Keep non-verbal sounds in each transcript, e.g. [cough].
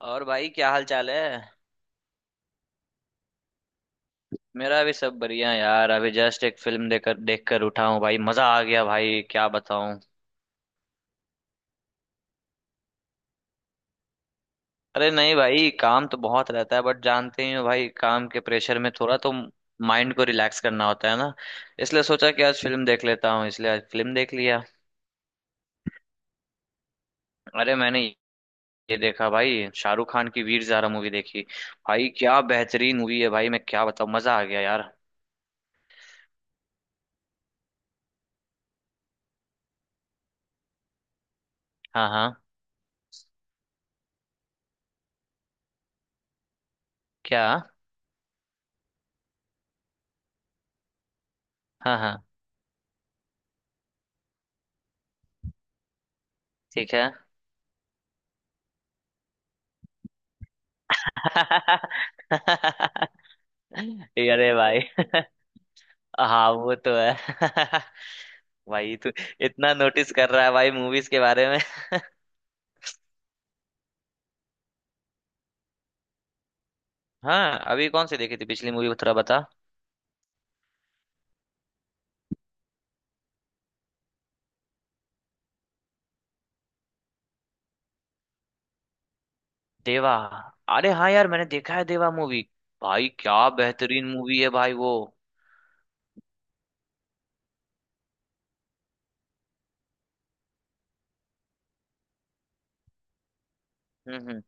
और भाई क्या हाल चाल है। मेरा भी सब बढ़िया यार, अभी जस्ट एक फिल्म देख कर उठा हूँ भाई, मजा आ गया भाई, क्या बताऊं। अरे नहीं भाई, काम तो बहुत रहता है बट जानते ही हो भाई, काम के प्रेशर में थोड़ा तो माइंड को रिलैक्स करना होता है ना। इसलिए सोचा कि आज फिल्म देख लेता हूँ, इसलिए आज फिल्म देख लिया। अरे मैंने ये देखा भाई, शाहरुख खान की वीर ज़ारा मूवी देखी। भाई क्या बेहतरीन मूवी है भाई, मैं क्या बताऊँ, मजा आ गया यार। हाँ हाँ। क्या। हाँ हाँ। ठीक है। [laughs] अरे भाई। [laughs] हाँ वो तो है। [laughs] भाई तू इतना नोटिस कर रहा है भाई मूवीज के बारे में। [laughs] हाँ, अभी कौन सी देखी थी पिछली मूवी थोड़ा बता। देवा। अरे हाँ यार, मैंने देखा है देवा मूवी। भाई क्या बेहतरीन मूवी है भाई वो। हम्म हम्म।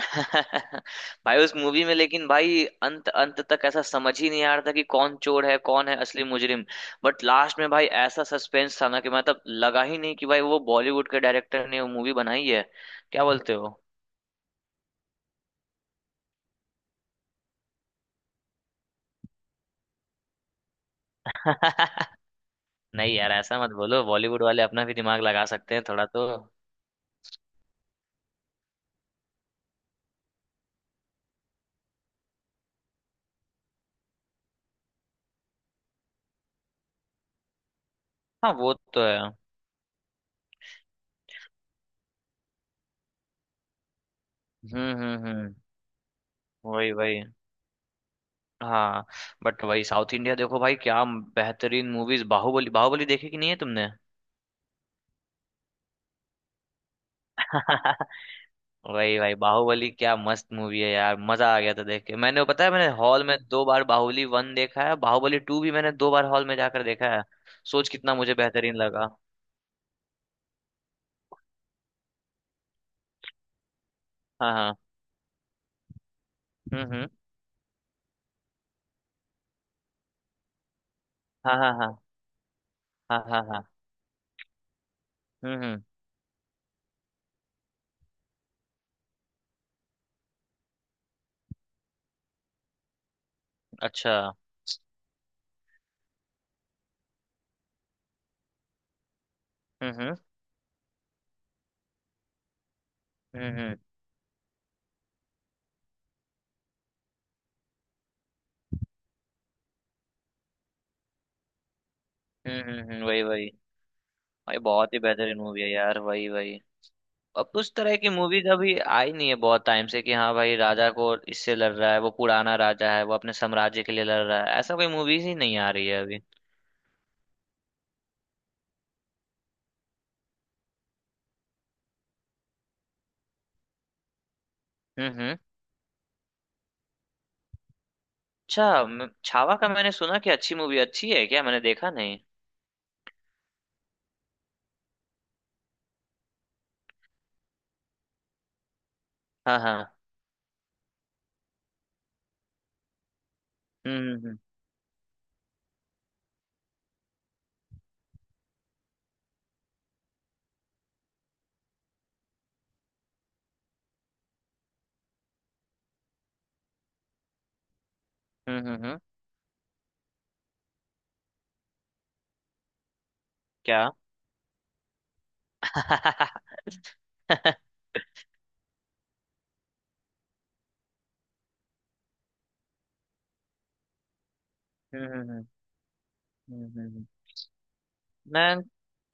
[laughs] भाई उस मूवी में लेकिन भाई अंत अंत तक ऐसा समझ ही नहीं आ रहा था कि कौन चोर है, कौन है असली मुजरिम। बट लास्ट में भाई ऐसा सस्पेंस था ना, कि मतलब लगा ही नहीं कि भाई वो बॉलीवुड के डायरेक्टर ने वो मूवी बनाई है। क्या बोलते हो। [laughs] नहीं यार ऐसा मत बोलो, बॉलीवुड वाले अपना भी दिमाग लगा सकते हैं थोड़ा तो। हाँ वो तो है। हम्म। वही वही। हाँ। बट वही साउथ इंडिया देखो भाई, क्या बेहतरीन मूवीज, बाहुबली। बाहुबली देखी कि नहीं है तुमने। [laughs] वही भाई, बाहुबली क्या मस्त मूवी है यार, मजा आ गया था देख के मैंने। वो पता है, मैंने हॉल में 2 बार बाहुबली वन देखा है, बाहुबली टू भी मैंने 2 बार हॉल में जाकर देखा है। सोच कितना मुझे बेहतरीन लगा। हाँ हाँ। हम्म। हाँ हाँ हाँ हाँ। हाँ हाँ। हम्म। अच्छा। हम्म हम्म हम्म। वही वही। भाई बहुत ही बेहतरीन मूवी है यार, वही वही। अब उस तरह की मूवीज अभी आई नहीं है बहुत टाइम से, कि हाँ भाई राजा को इससे लड़ रहा है, वो पुराना राजा है, वो अपने साम्राज्य के लिए लड़ रहा है, ऐसा कोई मूवीज ही नहीं आ रही है अभी। हम्म। अच्छा, छावा का मैंने सुना कि अच्छी मूवी, अच्छी है क्या, मैंने देखा नहीं। हाँ हाँ। हम्म। हम्म। क्या। [laughs] हम्म हम्म हम्म। मैं,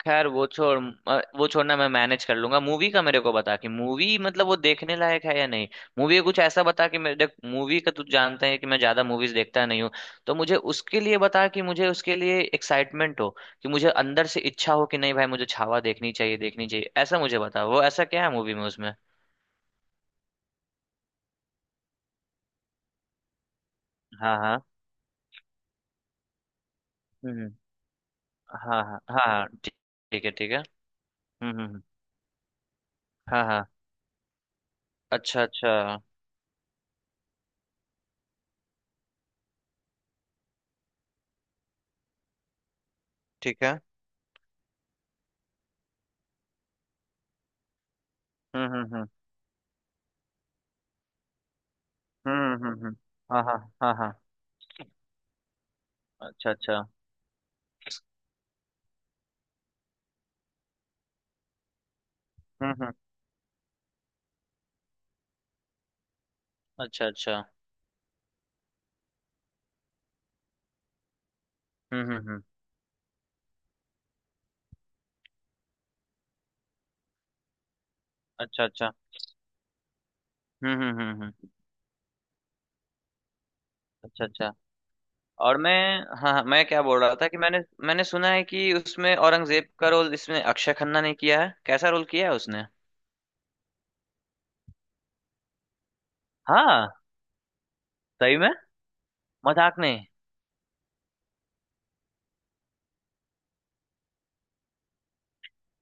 खैर वो छोड़। वो छोड़ना, मैं मैनेज कर लूंगा। मूवी का मेरे को बता कि मूवी मतलब वो देखने लायक है या नहीं। मूवी कुछ ऐसा बता कि मैं देख, मूवी का, तू जानता है कि मैं ज्यादा मूवीज देखता नहीं हूँ। तो मुझे उसके लिए बता कि मुझे उसके लिए एक्साइटमेंट हो, कि मुझे अंदर से इच्छा हो कि नहीं भाई मुझे छावा देखनी चाहिए, देखनी चाहिए, ऐसा मुझे बता। वो ऐसा क्या है मूवी में उसमें। हाँ हाँ। हम्म हम्म, हाँ हाँ हाँ हाँ, ठीक। ठीक है, ठीक है। हम्म हम्म हम्म, हाँ हाँ। अच्छा अच्छा। ठीक है। हम्म हम्म हम्म हम्म हम्म हम्म, हाँ हाँ हाँ हाँ। अच्छा अच्छा। हम्म। अच्छा अच्छा। हम्म। अच्छा अच्छा। हम्म। अच्छा अच्छा। और मैं, हाँ हाँ, मैं क्या बोल रहा था कि मैंने, मैंने सुना है कि उसमें औरंगजेब का रोल इसमें अक्षय खन्ना ने किया है, कैसा रोल किया है उसने। हाँ। सही में। मजाक नहीं।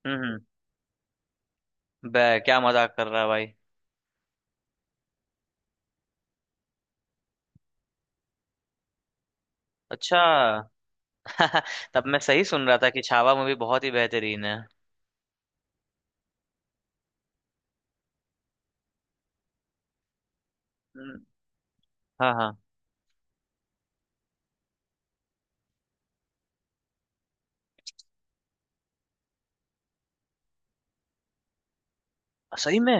हम्म। बे क्या मजाक कर रहा है भाई। अच्छा। [laughs] तब मैं सही सुन रहा था कि छावा मूवी बहुत ही बेहतरीन है। हम्म, हाँ हाँ। सही में।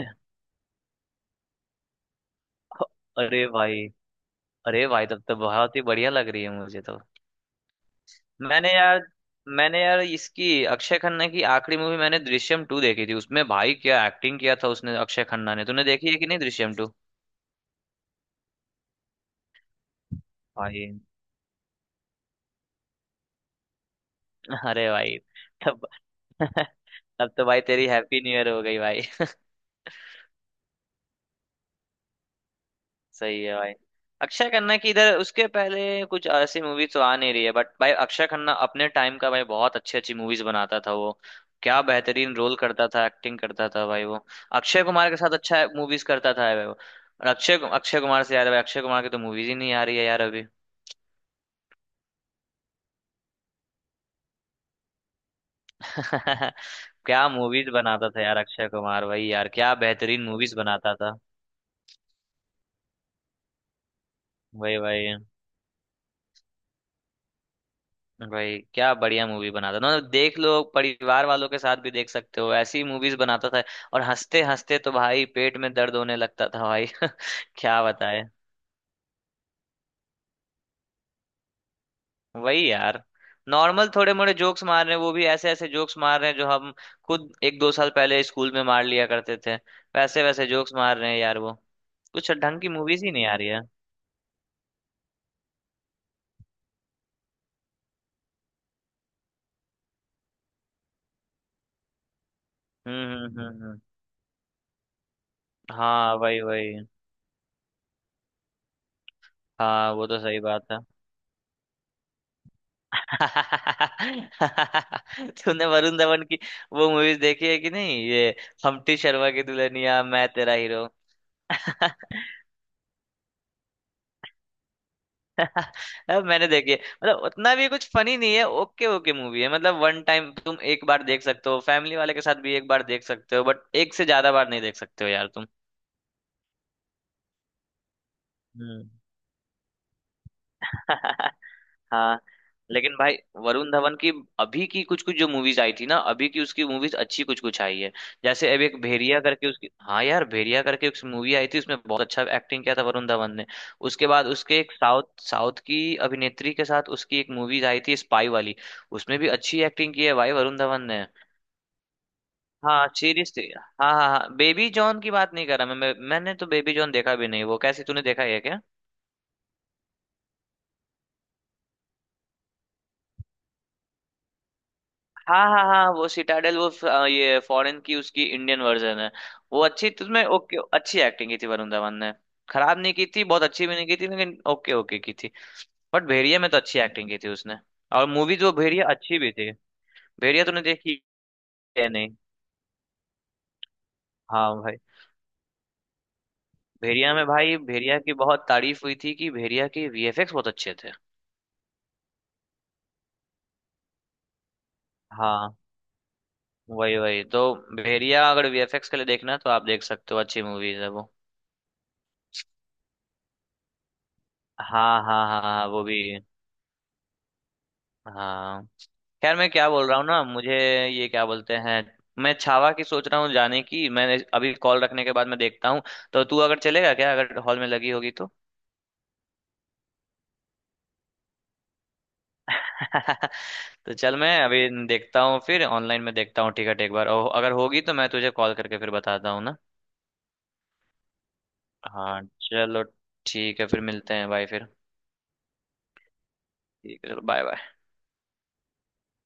अरे भाई। अरे भाई तब तो बहुत ही बढ़िया लग रही है मुझे तो। मैंने यार, मैंने यार इसकी अक्षय खन्ना की आखिरी मूवी मैंने दृश्यम टू देखी थी। उसमें भाई क्या एक्टिंग किया था उसने अक्षय खन्ना ने। तूने देखी है कि नहीं दृश्यम टू। भाई। [laughs] अरे भाई। तब, [laughs] तब तो भाई तेरी हैप्पी न्यू ईयर हो गई भाई। सही है भाई। अक्षय खन्ना की इधर उसके पहले कुछ ऐसी मूवी तो आ नहीं रही है, बट भाई अक्षय खन्ना अपने टाइम का भाई बहुत अच्छी अच्छी मूवीज बनाता था वो। क्या बेहतरीन रोल करता था, एक्टिंग करता था भाई वो। अक्षय कुमार के साथ अच्छा मूवीज करता था भाई वो, और अक्षय अक्षय कुमार से, यार भाई अक्षय कुमार की तो मूवीज ही नहीं आ रही है यार अभी। [laughs] क्या मूवीज बनाता था यार अक्षय कुमार भाई, यार क्या बेहतरीन मूवीज बनाता था। वही भाई। भाई क्या बढ़िया मूवी बनाता था, मतलब देख लो परिवार वालों के साथ भी देख सकते हो ऐसी मूवीज बनाता था। और हंसते हंसते तो भाई पेट में दर्द होने लगता था भाई। [laughs] क्या बताए। वही यार। नॉर्मल थोड़े मोड़े जोक्स मार रहे हैं, वो भी ऐसे ऐसे जोक्स मार रहे हैं जो हम खुद एक दो साल पहले स्कूल में मार लिया करते थे। वैसे वैसे जोक्स मार रहे हैं यार वो। कुछ ढंग की मूवीज ही नहीं आ रही है। हम्म हम्म हम्म हम्म। हाँ वही वही। हाँ वो तो सही बात है। [laughs] तूने वरुण धवन की वो मूवीज देखी है कि नहीं, ये हम्प्टी शर्मा की दुल्हनिया, मैं तेरा हीरो। [laughs] अब मैंने देखी है। मतलब उतना भी कुछ फनी नहीं है, ओके ओके मूवी है, मतलब वन टाइम तुम एक बार देख सकते हो, फैमिली वाले के साथ भी एक बार देख सकते हो, बट एक से ज्यादा बार नहीं देख सकते हो यार तुम। हम्म। [laughs] हाँ। लेकिन भाई वरुण धवन की अभी की कुछ कुछ जो मूवीज आई थी ना अभी की, उसकी मूवीज अच्छी कुछ कुछ आई है। जैसे अभी एक भेड़िया करके उसकी, हाँ यार भेड़िया करके एक मूवी आई थी, उसमें बहुत अच्छा एक्टिंग किया था वरुण धवन ने। उसके बाद उसके एक साउथ साउथ की अभिनेत्री के साथ उसकी एक मूवीज आई थी स्पाई वाली, उसमें भी अच्छी एक्टिंग की है भाई वरुण धवन ने। हाँ सीरीज थी, हाँ हाँ हाँ, बेबी जॉन की बात नहीं कर रहा मैं। मैंने तो बेबी जॉन देखा भी नहीं, वो कैसे तूने देखा है क्या। हाँ हाँ हाँ, वो सिटाडेल। वो ये फॉरेन की उसकी इंडियन वर्जन है। वो अच्छी, तुझमें ओके अच्छी एक्टिंग की थी वरुण धवन ने। खराब नहीं की थी, बहुत अच्छी भी नहीं की थी, लेकिन ओके ओके की थी। बट भेड़िया में तो अच्छी एक्टिंग की थी उसने। और मूवीज, वो भेड़िया अच्छी भी थी। भेड़िया तूने देखी है नहीं। हाँ भाई। भेड़िया में भाई, भेड़िया की बहुत तारीफ हुई थी कि भेड़िया के वीएफएक्स बहुत अच्छे थे। हाँ। वही वही तो। भेड़िया अगर वीएफएक्स के लिए देखना है तो आप देख सकते हो, अच्छी मूवीज है वो। हाँ हाँ हाँ हाँ, वो भी है। हाँ, खैर मैं क्या बोल रहा हूँ ना, मुझे ये क्या बोलते हैं, मैं छावा की सोच रहा हूँ जाने की, मैंने अभी कॉल रखने के बाद मैं देखता हूँ। तो तू अगर चलेगा क्या, अगर हॉल में लगी होगी तो। [laughs] तो चल, मैं अभी देखता हूँ फिर ऑनलाइन में देखता हूँ टिकट एक बार, और अगर होगी तो मैं तुझे कॉल करके फिर बताता हूँ ना। हाँ चलो, ठीक है फिर मिलते हैं भाई फिर। ठीक है चलो, बाय बाय।